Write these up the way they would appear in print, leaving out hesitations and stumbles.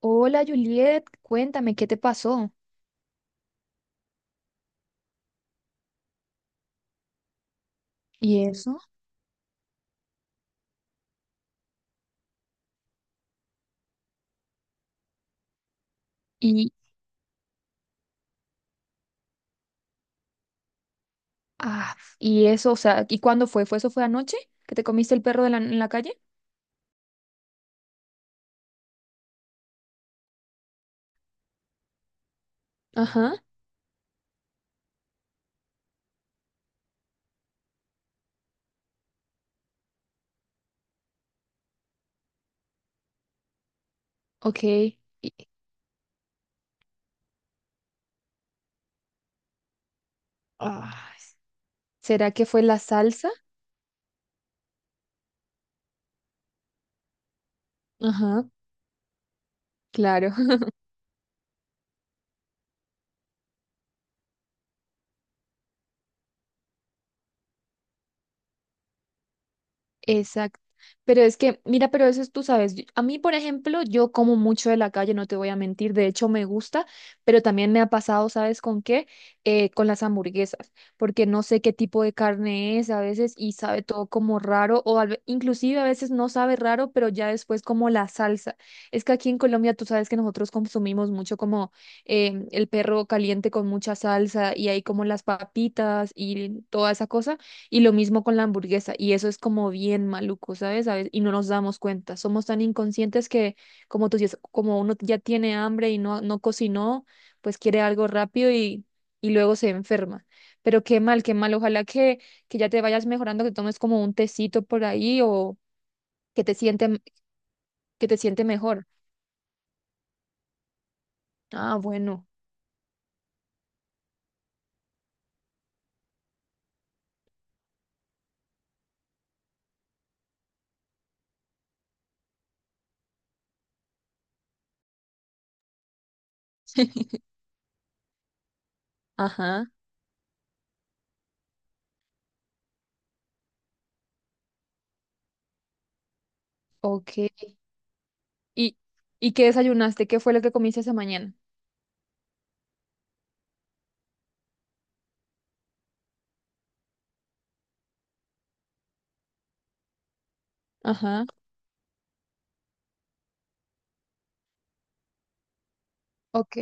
Hola Juliet, cuéntame qué te pasó. ¿Y eso? Y, y eso, o sea, ¿y cuándo fue? ¿Fue eso fue anoche que te comiste el perro en la calle? Ajá. Ok. y- Ay, ¿será que fue la salsa? Ajá, claro. Exacto. Pero, mira, tú sabes, a mí, por ejemplo, yo como mucho de la calle, no te voy a mentir, de hecho me gusta, pero también me ha pasado, ¿sabes con qué? Con las hamburguesas, porque no sé qué tipo de carne es a veces y sabe todo como raro, o inclusive a veces no sabe raro, pero ya después como la salsa. Es que aquí en Colombia tú sabes que nosotros consumimos mucho como el perro caliente con mucha salsa y hay como las papitas y toda esa cosa, y lo mismo con la hamburguesa, y eso es como bien maluco, ¿sabes? ¿Sabes? Y no nos damos cuenta. Somos tan inconscientes que, como tú dices, como uno ya tiene hambre y no cocinó, pues quiere algo rápido y luego se enferma. Pero qué mal, qué mal. Ojalá que ya te vayas mejorando, que tomes como un tecito por ahí o que te siente, que te siente mejor. Ah, bueno. Ajá. Ok. ¿Y, ¿y qué desayunaste? ¿Qué fue lo que comiste esa mañana? Ajá. Ok.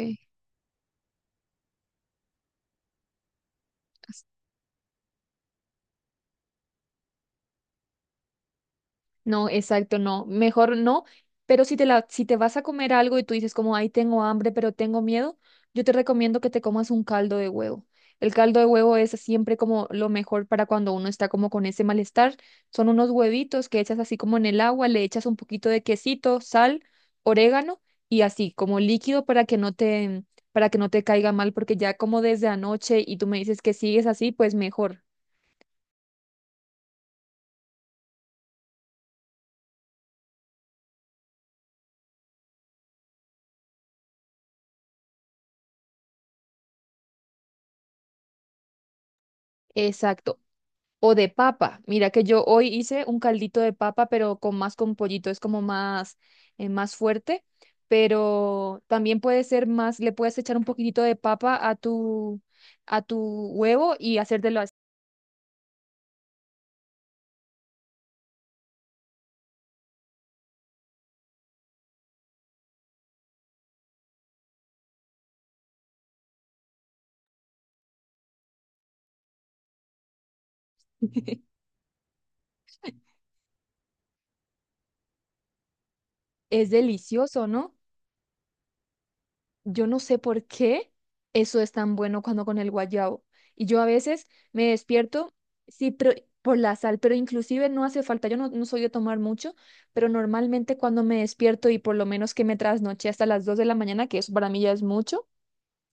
No, exacto, no. Mejor no, pero si te vas a comer algo y tú dices como, ay, tengo hambre, pero tengo miedo, yo te recomiendo que te comas un caldo de huevo. El caldo de huevo es siempre como lo mejor para cuando uno está como con ese malestar. Son unos huevitos que echas así como en el agua, le echas un poquito de quesito, sal, orégano y así como líquido para que no te, para que no te caiga mal, porque ya como desde anoche y tú me dices que sigues así, pues mejor. Exacto. O de papa. Mira que yo hoy hice un caldito de papa, pero con más con pollito, es como más, más fuerte. Pero también puede ser más, le puedes echar un poquitito de papa a a tu huevo y hacértelo así. Es delicioso, ¿no? Yo no sé por qué eso es tan bueno cuando con el guayabo. Y yo a veces me despierto, sí, pero por la sal, pero inclusive no hace falta, yo no soy de tomar mucho, pero normalmente cuando me despierto y por lo menos que me trasnoché hasta las 2 de la mañana, que eso para mí ya es mucho,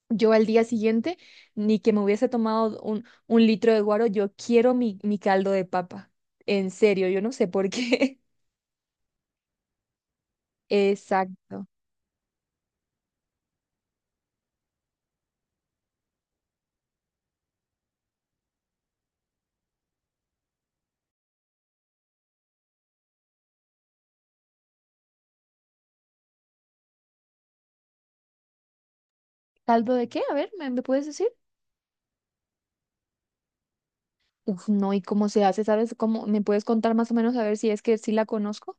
yo al día siguiente, ni que me hubiese tomado un litro de guaro, yo quiero mi caldo de papa. En serio, yo no sé por qué. Exacto. ¿Caldo de qué? A ver, me puedes decir? Uf, no, ¿y cómo se hace? ¿Sabes cómo? ¿Me puedes contar más o menos a ver si es que sí la conozco?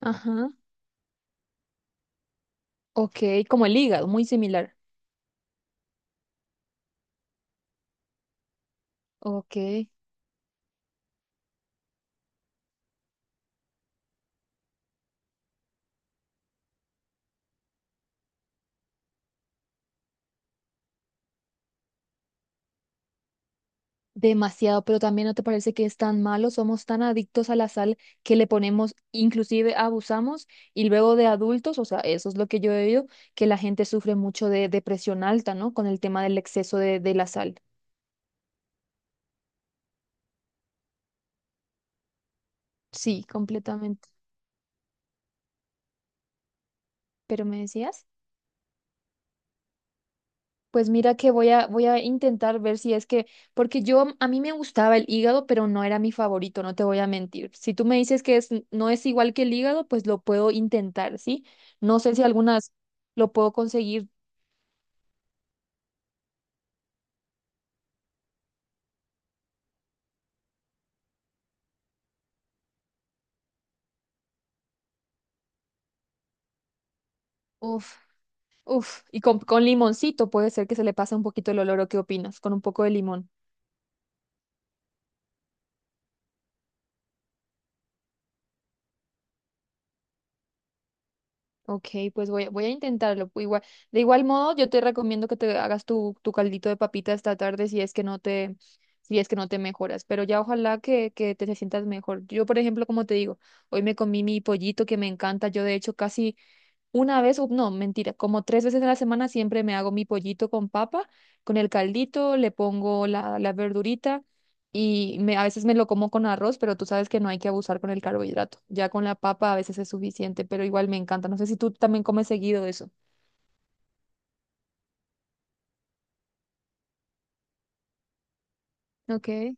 Ajá. Ok, como el hígado, muy similar. Ok, demasiado, pero también no te parece que es tan malo, somos tan adictos a la sal que le ponemos, inclusive abusamos, y luego de adultos, o sea, eso es lo que yo he oído, que la gente sufre mucho de depresión alta, ¿no? Con el tema del exceso de la sal. Sí, completamente. ¿Pero me decías? Pues mira que voy a intentar ver si es que, porque yo, a mí me gustaba el hígado, pero no era mi favorito, no te voy a mentir. Si tú me dices que es, no es igual que el hígado, pues lo puedo intentar, ¿sí? No sé si algunas lo puedo conseguir, uf, uf, y con limoncito puede ser que se le pase un poquito el olor, ¿o qué opinas? Con un poco de limón. Ok, pues voy a intentarlo. Igual, de igual modo, yo te recomiendo que te hagas tu caldito de papita esta tarde si es que no si es que no te mejoras. Pero ya ojalá que te sientas mejor. Yo, por ejemplo, como te digo, hoy me comí mi pollito que me encanta. Yo, de hecho, casi una vez, no, mentira, como tres veces a la semana siempre me hago mi pollito con papa, con el caldito, le pongo la verdurita y me, a veces me lo como con arroz, pero tú sabes que no hay que abusar con el carbohidrato. Ya con la papa a veces es suficiente, pero igual me encanta. No sé si tú también comes seguido eso. Ok.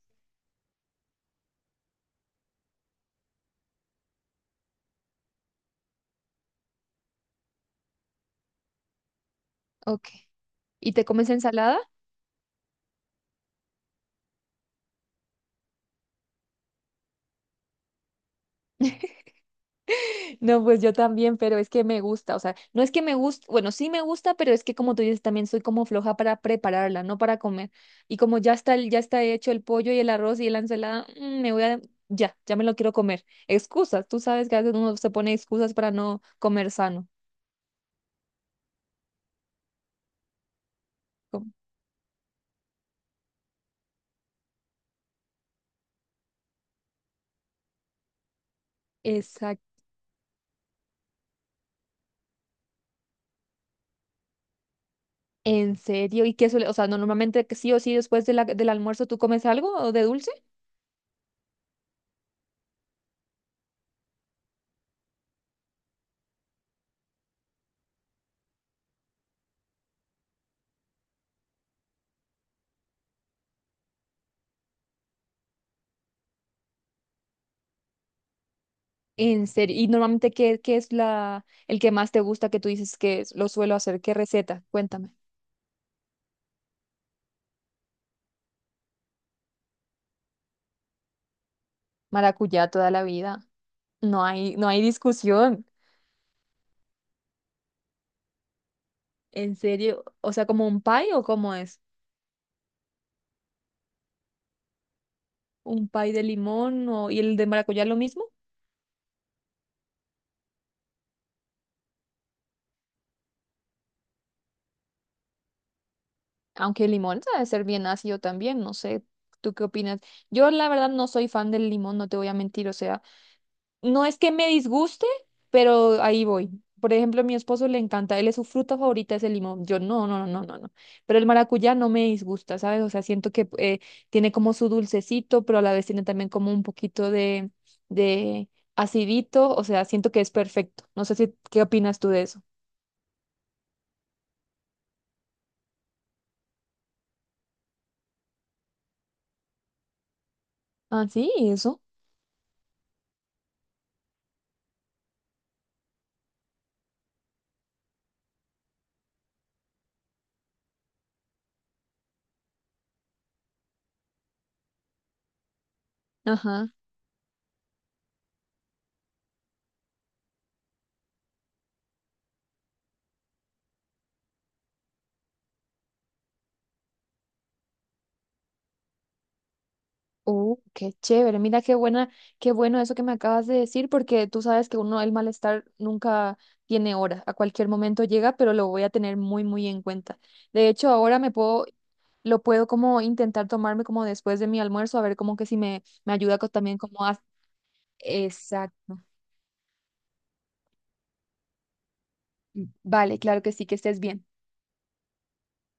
Ok. ¿Y te comes ensalada? No, pues yo también, pero es que me gusta, o sea, no es que me guste, bueno, sí me gusta, pero es que como tú dices, también soy como floja para prepararla, no para comer. Y como ya está, ya está hecho el pollo y el arroz y la ensalada, mm, ya, ya me lo quiero comer. Excusas, tú sabes que a veces uno se pone excusas para no comer sano. Com- Exacto. ¿En serio? ¿Y qué suele, o sea, no, normalmente que sí o sí después de del almuerzo tú comes algo o de dulce? ¿En serio? ¿Y normalmente qué, qué es el que más te gusta que tú dices que lo suelo hacer? ¿Qué receta? Cuéntame. Maracuyá toda la vida. No hay, no hay discusión. En serio. O sea, ¿como un pie o cómo es? ¿Un pie de limón o, y el de maracuyá lo mismo? Aunque el limón sabe ser bien ácido también, no sé. ¿Tú qué opinas? Yo la verdad no soy fan del limón, no te voy a mentir. O sea, no es que me disguste, pero ahí voy. Por ejemplo, a mi esposo le encanta, él es su fruta favorita es el limón. Yo no, no, no, no, no, no. Pero el maracuyá no me disgusta, ¿sabes? O sea, siento que tiene como su dulcecito, pero a la vez tiene también como un poquito de acidito. O sea, siento que es perfecto. No sé si, ¿qué opinas tú de eso? Ah, sí, eso. Ajá. Qué chévere. Mira qué buena, qué bueno eso que me acabas de decir, porque tú sabes que uno el malestar nunca tiene hora. A cualquier momento llega, pero lo voy a tener muy, muy en cuenta. De hecho, ahora me puedo, lo puedo como intentar tomarme como después de mi almuerzo, a ver como que si me ayuda también como a... Exacto. Vale, claro que sí, que estés bien.